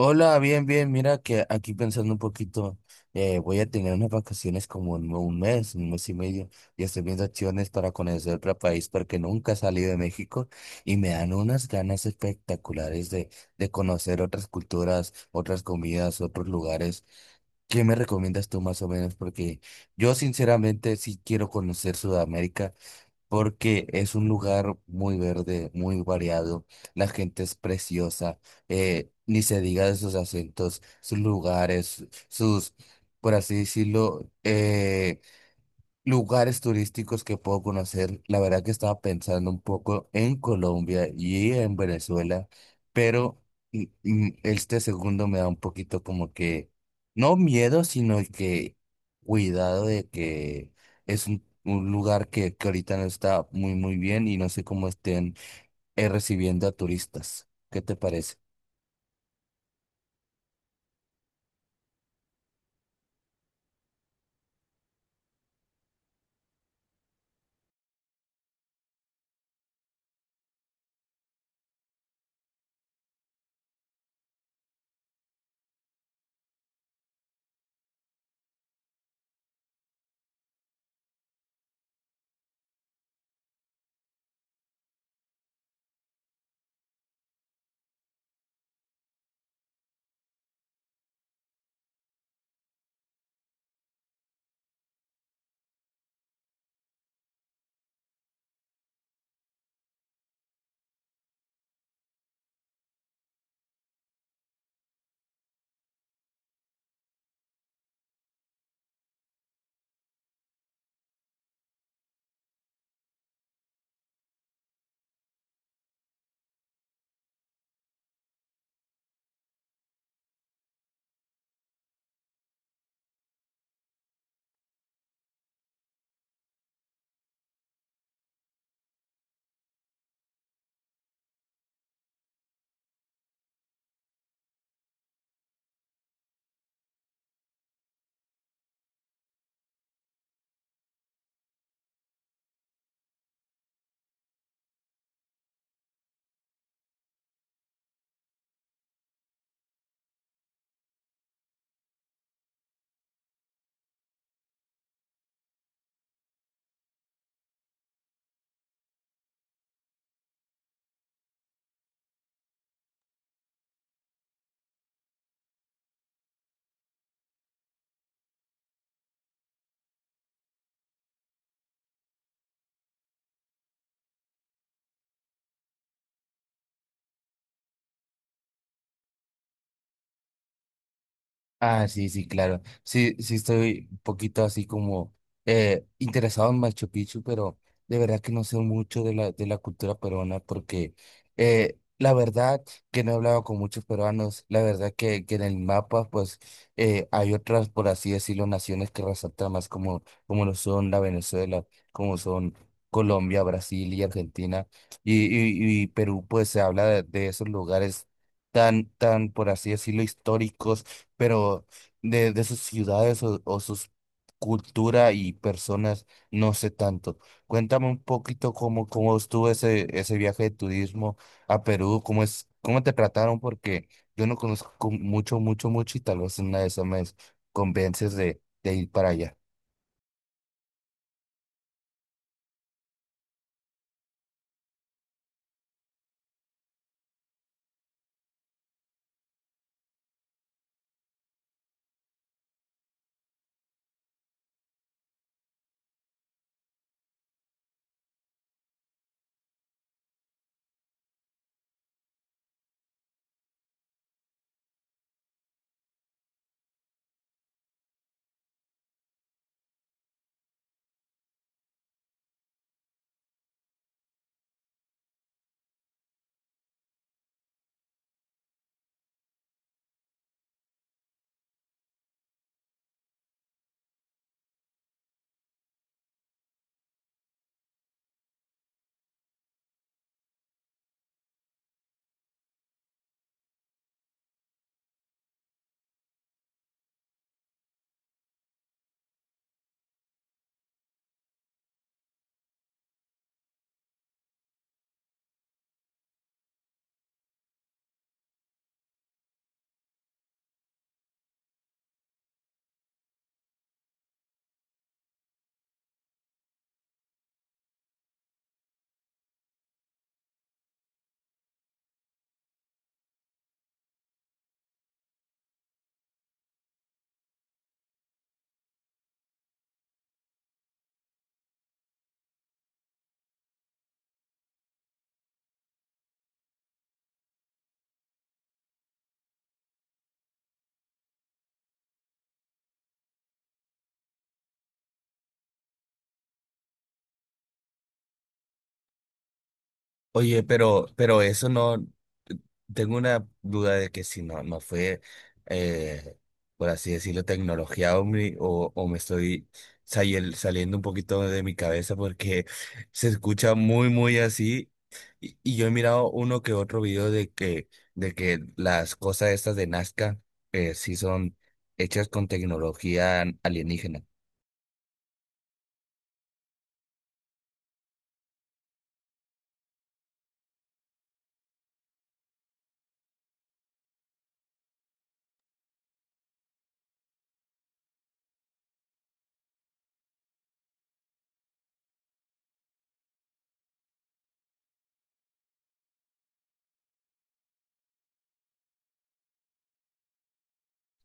Hola, bien, bien. Mira que aquí pensando un poquito, voy a tener unas vacaciones como en un mes y medio, y estoy viendo acciones para conocer otro país porque nunca he salido de México y me dan unas ganas espectaculares de conocer otras culturas, otras comidas, otros lugares. ¿Qué me recomiendas tú más o menos? Porque yo sinceramente sí quiero conocer Sudamérica porque es un lugar muy verde, muy variado, la gente es preciosa, ni se diga de sus acentos, sus lugares, sus, por así decirlo, lugares turísticos que puedo conocer. La verdad que estaba pensando un poco en Colombia y en Venezuela, pero este segundo me da un poquito como que, no miedo, sino que cuidado de que es un lugar que ahorita no está muy, muy bien y no sé cómo estén recibiendo a turistas. ¿Qué te parece? Ah, sí, sí, claro. Sí, sí estoy un poquito así como interesado en Machu Picchu, pero de verdad que no sé mucho de de la cultura peruana porque, la verdad que no he hablado con muchos peruanos. La verdad que en el mapa pues, hay otras, por así decirlo, naciones que resaltan más como, como lo son la Venezuela, como son Colombia, Brasil y Argentina. Y Perú pues se habla de esos lugares tan, tan, por así decirlo, históricos, pero de sus ciudades o sus cultura y personas no sé tanto. Cuéntame un poquito cómo, cómo estuvo ese, ese viaje de turismo a Perú, cómo es, cómo te trataron, porque yo no conozco mucho, mucho, mucho y tal vez en una de esas me convences de ir para allá. Oye, pero eso no, tengo una duda de que si no, no fue, eh, por así decirlo, tecnología hombre, o me estoy saliendo un poquito de mi cabeza porque se escucha muy, muy así. Y yo he mirado uno que otro video de que las cosas estas de Nazca, sí son hechas con tecnología alienígena.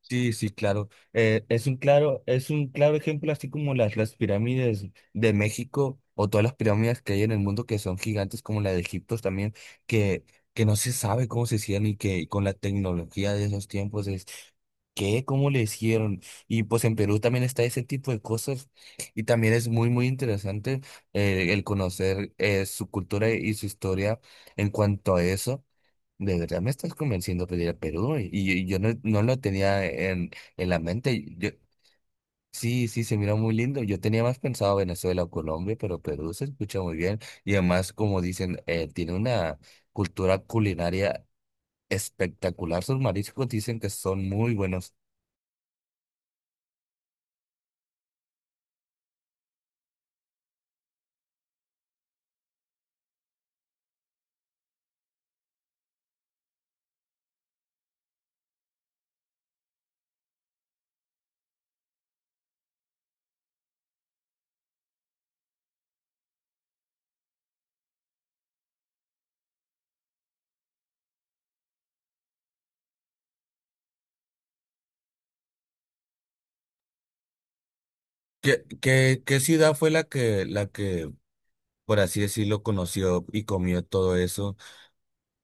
Sí, sí, claro. Es un claro, es un claro ejemplo, así como las pirámides de México o todas las pirámides que hay en el mundo que son gigantes, como la de Egipto también, que, que no se sabe cómo se hicieron y que con la tecnología de esos tiempos es ¿qué? ¿Cómo le hicieron? Y pues en Perú también está ese tipo de cosas y también es muy, muy interesante, el conocer su cultura y su historia en cuanto a eso. De verdad me estás convenciendo a pedir a Perú y yo no, no lo tenía en la mente. Yo, sí, sí, se mira muy lindo. Yo tenía más pensado Venezuela o Colombia, pero Perú se escucha muy bien y además, como dicen, tiene una cultura culinaria espectacular. Sus mariscos dicen que son muy buenos. ¿Qué, qué, qué ciudad fue la que, por así decirlo, conoció y comió todo eso?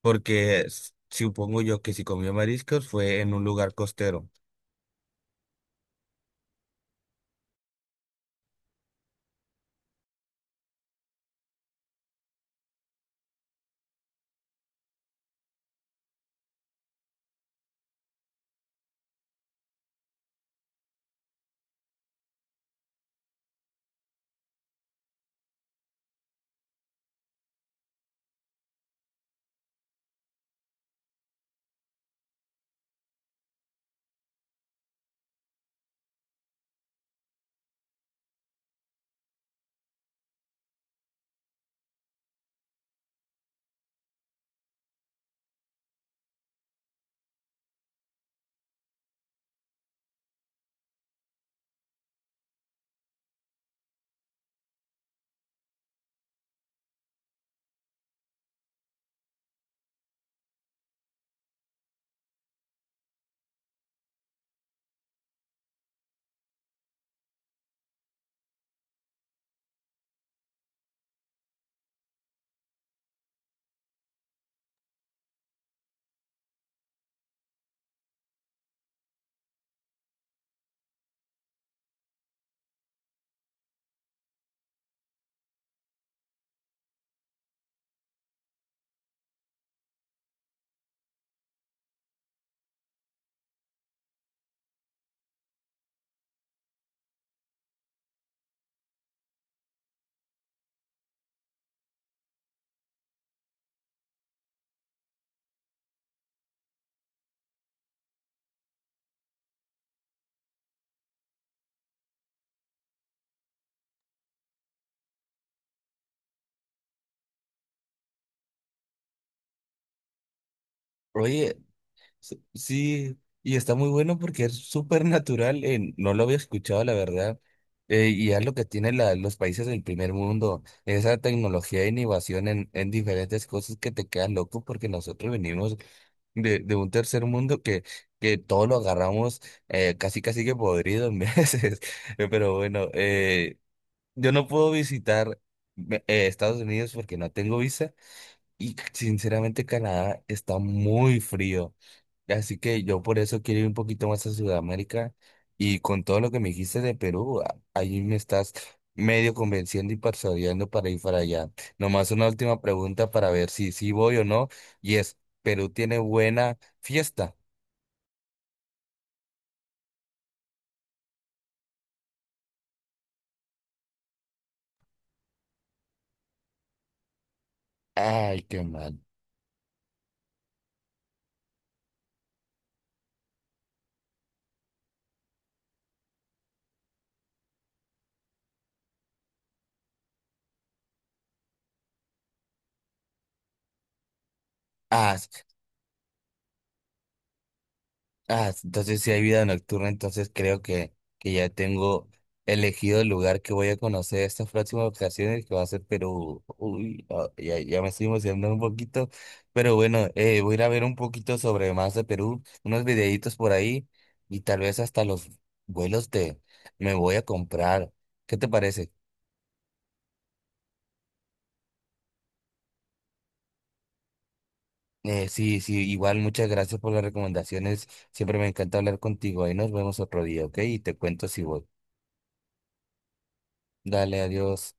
Porque supongo yo que si comió mariscos fue en un lugar costero. Oye, S- sí, y está muy bueno porque es súper natural. No lo había escuchado, la verdad. Y es lo que tienen los países del primer mundo, esa tecnología e innovación en diferentes cosas que te quedan loco, porque nosotros venimos de un tercer mundo que todo lo agarramos, casi casi que podrido en veces. Pero bueno, yo no puedo visitar Estados Unidos porque no tengo visa y sinceramente Canadá está muy frío. Así que yo por eso quiero ir un poquito más a Sudamérica y con todo lo que me dijiste de Perú, ahí me estás medio convenciendo y persuadiendo para ir para allá. Nomás una última pregunta para ver si sí voy o no, y es, ¿Perú tiene buena fiesta? Ay, qué mal. Ah, ah, entonces si hay vida nocturna, entonces creo que ya tengo elegido el lugar que voy a conocer estas próximas ocasiones, que va a ser Perú. Uy, ah, ya, ya me estoy emocionando un poquito, pero bueno, voy a ir a ver un poquito sobre más de Perú, unos videitos por ahí y tal vez hasta los vuelos de me voy a comprar. ¿Qué te parece? Sí, sí, igual muchas gracias por las recomendaciones. Siempre me encanta hablar contigo. Ahí nos vemos otro día, ¿ok? Y te cuento si voy. Dale, adiós.